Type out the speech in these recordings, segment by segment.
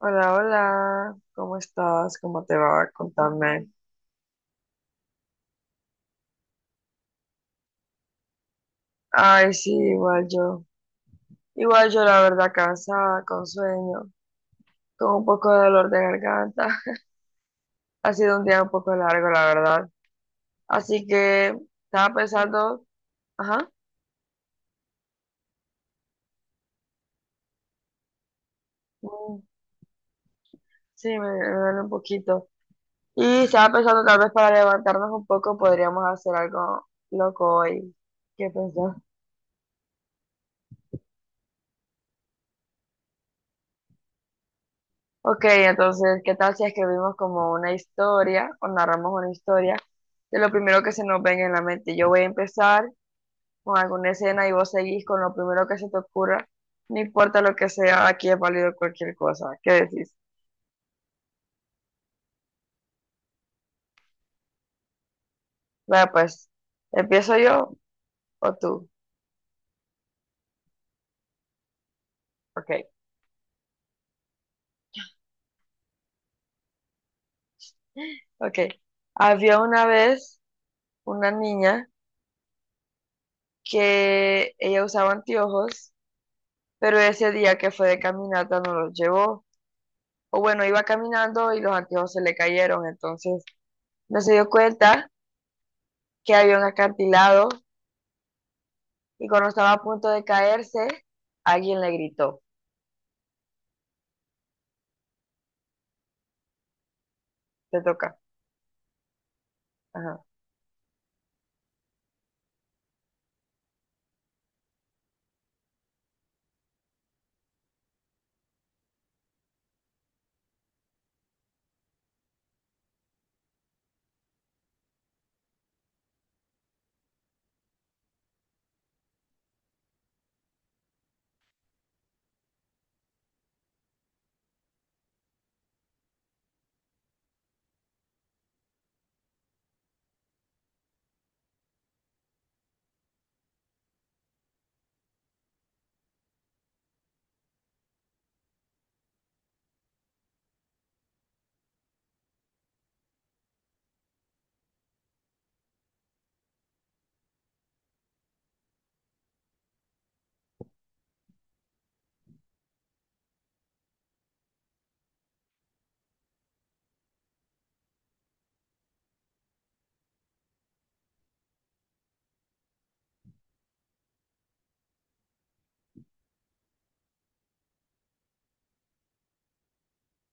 Hola, hola, ¿cómo estás? ¿Cómo te va? Contame. Ay, sí, igual yo. Igual yo, la verdad, cansada, con sueño, con un poco de dolor de garganta. Ha sido un día un poco largo, la verdad. Así que estaba pensando, ajá, mm, sí, me duele un poquito. Y estaba pensando, tal vez para levantarnos un poco, podríamos hacer algo loco hoy. ¿Qué pensás? Ok, entonces, ¿qué tal si escribimos como una historia o narramos una historia de lo primero que se nos venga en la mente? Yo voy a empezar con alguna escena y vos seguís con lo primero que se te ocurra, no importa lo que sea, aquí es válido cualquier cosa. ¿Qué decís? Vaya, pues, ¿empiezo yo o tú? Ok. Ok. Había una vez una niña que ella usaba anteojos, pero ese día que fue de caminata no los llevó. O bueno, iba caminando y los anteojos se le cayeron, entonces no se dio cuenta que había un acantilado y cuando estaba a punto de caerse, alguien le gritó, te toca. Ajá.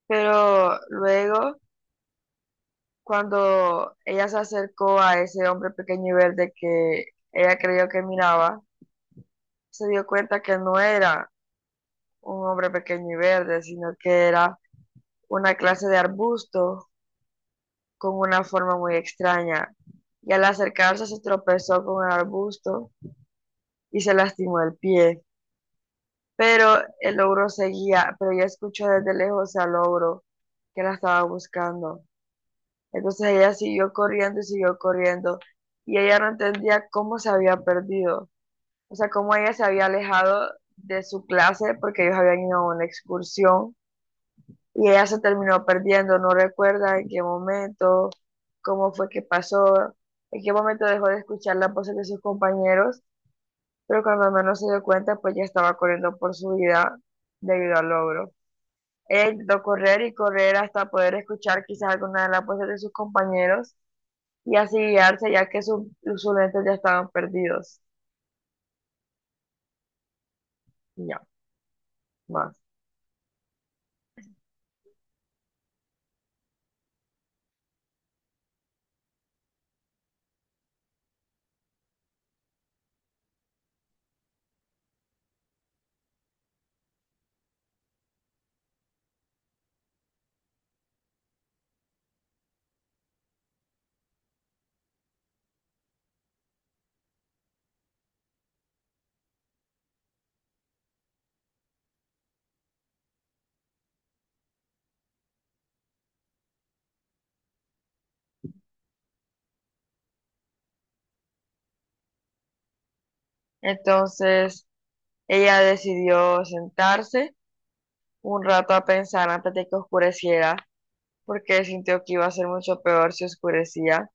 Pero luego, cuando ella se acercó a ese hombre pequeño y verde que ella creyó que miraba, se dio cuenta que no era un hombre pequeño y verde, sino que era una clase de arbusto con una forma muy extraña. Y al acercarse se tropezó con el arbusto y se lastimó el pie. Pero el ogro seguía, pero ella escuchó desde lejos al ogro que la estaba buscando. Entonces ella siguió corriendo y ella no entendía cómo se había perdido, o sea, cómo ella se había alejado de su clase porque ellos habían ido a una excursión y ella se terminó perdiendo, no recuerda en qué momento, cómo fue que pasó, en qué momento dejó de escuchar las voces de sus compañeros. Pero cuando menos se dio cuenta, pues ya estaba corriendo por su vida debido al logro. Ella intentó correr y correr hasta poder escuchar quizás alguna de las voces de sus compañeros y así guiarse, ya que sus lentes ya estaban perdidos. Y ya, más. Entonces, ella decidió sentarse un rato a pensar antes de que oscureciera, porque sintió que iba a ser mucho peor si oscurecía.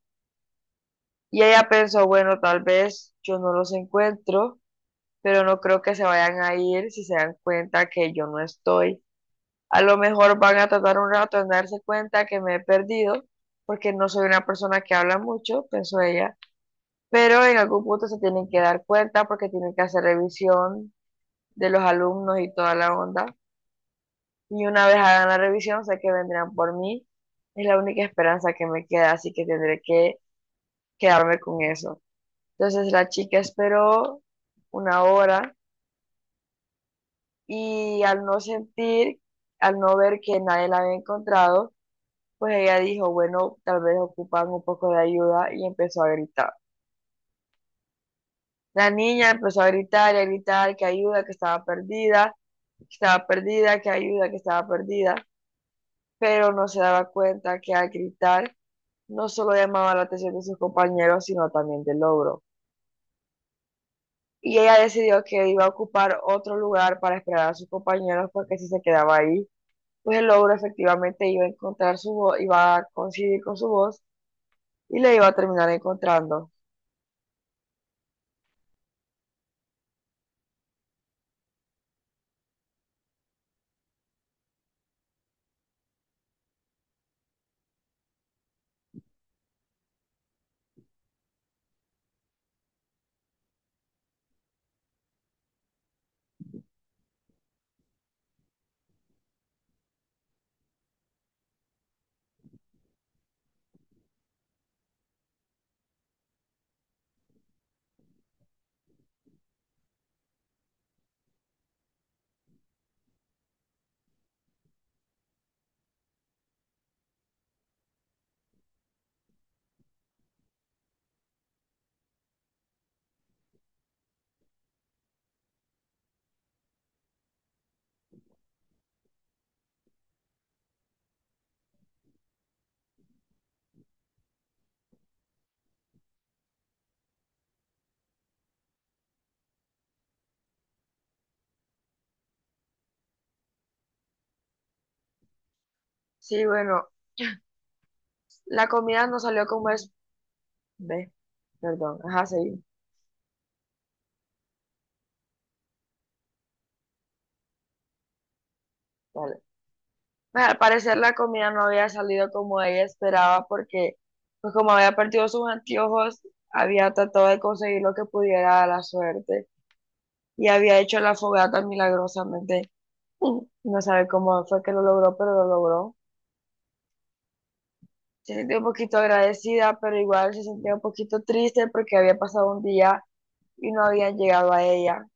Y ella pensó, bueno, tal vez yo no los encuentro, pero no creo que se vayan a ir si se dan cuenta que yo no estoy. A lo mejor van a tardar un rato en darse cuenta que me he perdido, porque no soy una persona que habla mucho, pensó ella, pero en algún punto se tienen que dar cuenta porque tienen que hacer revisión de los alumnos y toda la onda. Y una vez hagan la revisión, sé que vendrán por mí. Es la única esperanza que me queda, así que tendré que quedarme con eso. Entonces la chica esperó una hora y al no sentir, al no ver que nadie la había encontrado, pues ella dijo, bueno, tal vez ocupan un poco de ayuda, y empezó a gritar. La niña empezó a gritar y a gritar que ayuda, que estaba perdida, que estaba perdida, que ayuda, que estaba perdida, pero no se daba cuenta que al gritar no solo llamaba la atención de sus compañeros, sino también del logro. Y ella decidió que iba a ocupar otro lugar para esperar a sus compañeros porque si se quedaba ahí, pues el ogro efectivamente iba a encontrar su voz, iba a coincidir con su voz y le iba a terminar encontrando. Sí, bueno, la comida no salió como es, ve, perdón, ajá, sí, vale. Bueno, al parecer la comida no había salido como ella esperaba porque, pues como había perdido sus anteojos, había tratado de conseguir lo que pudiera a la suerte y había hecho la fogata milagrosamente. No sabe cómo fue que lo logró, pero lo logró. Se sentía un poquito agradecida, pero igual se sentía un poquito triste porque había pasado un día y no habían llegado a ella.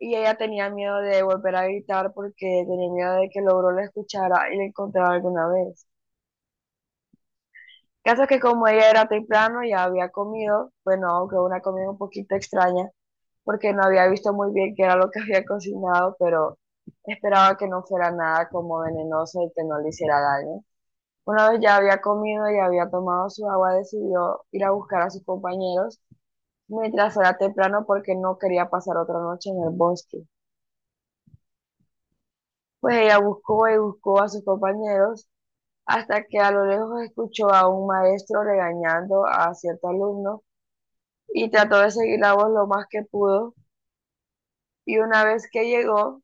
Y ella tenía miedo de volver a gritar porque tenía miedo de que logró la escuchara y la encontrara alguna vez. Caso es que como ella era temprano, ya había comido, bueno, aunque una comida un poquito extraña, porque no había visto muy bien qué era lo que había cocinado, pero esperaba que no fuera nada como venenoso y que no le hiciera daño. Una vez ya había comido y había tomado su agua, decidió ir a buscar a sus compañeros mientras era temprano porque no quería pasar otra noche en el bosque. Pues ella buscó y buscó a sus compañeros hasta que a lo lejos escuchó a un maestro regañando a cierto alumno y trató de seguir la voz lo más que pudo. Y una vez que llegó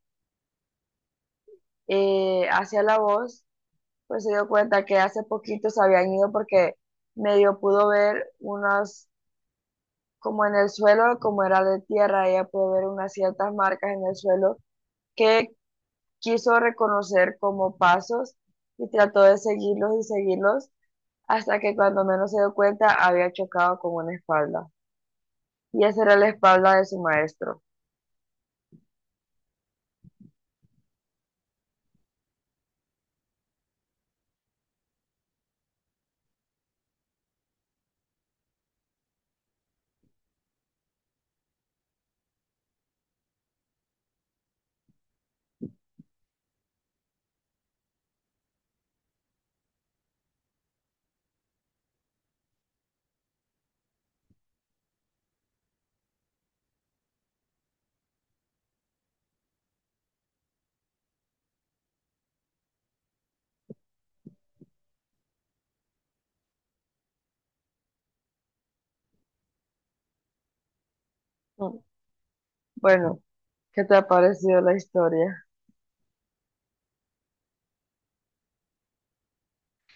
hacia la voz, pues se dio cuenta que hace poquito se habían ido porque medio pudo ver unos, como en el suelo, como era de tierra, ella pudo ver unas ciertas marcas en el suelo que quiso reconocer como pasos, y trató de seguirlos y seguirlos hasta que cuando menos se dio cuenta había chocado con una espalda. Y esa era la espalda de su maestro. Mm, bueno, ¿qué te ha parecido la historia?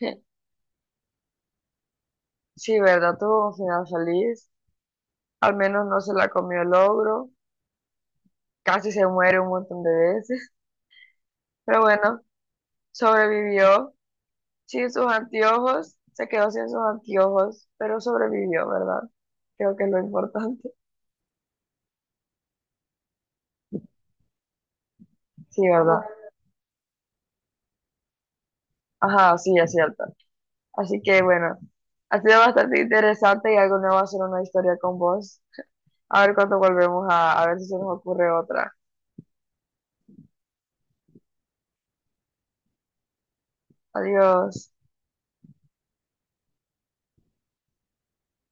Sí, ¿verdad? Tuvo un final feliz. Al menos no se la comió el ogro. Casi se muere un montón de veces. Pero bueno, sobrevivió. Sin sus anteojos, se quedó sin sus anteojos, pero sobrevivió, ¿verdad? Creo que es lo importante. Sí, ¿verdad? Ajá, sí, es cierto. Así que bueno, ha sido bastante interesante y algo nuevo hacer una historia con vos. A ver cuándo volvemos a ver si se nos ocurre otra. Adiós.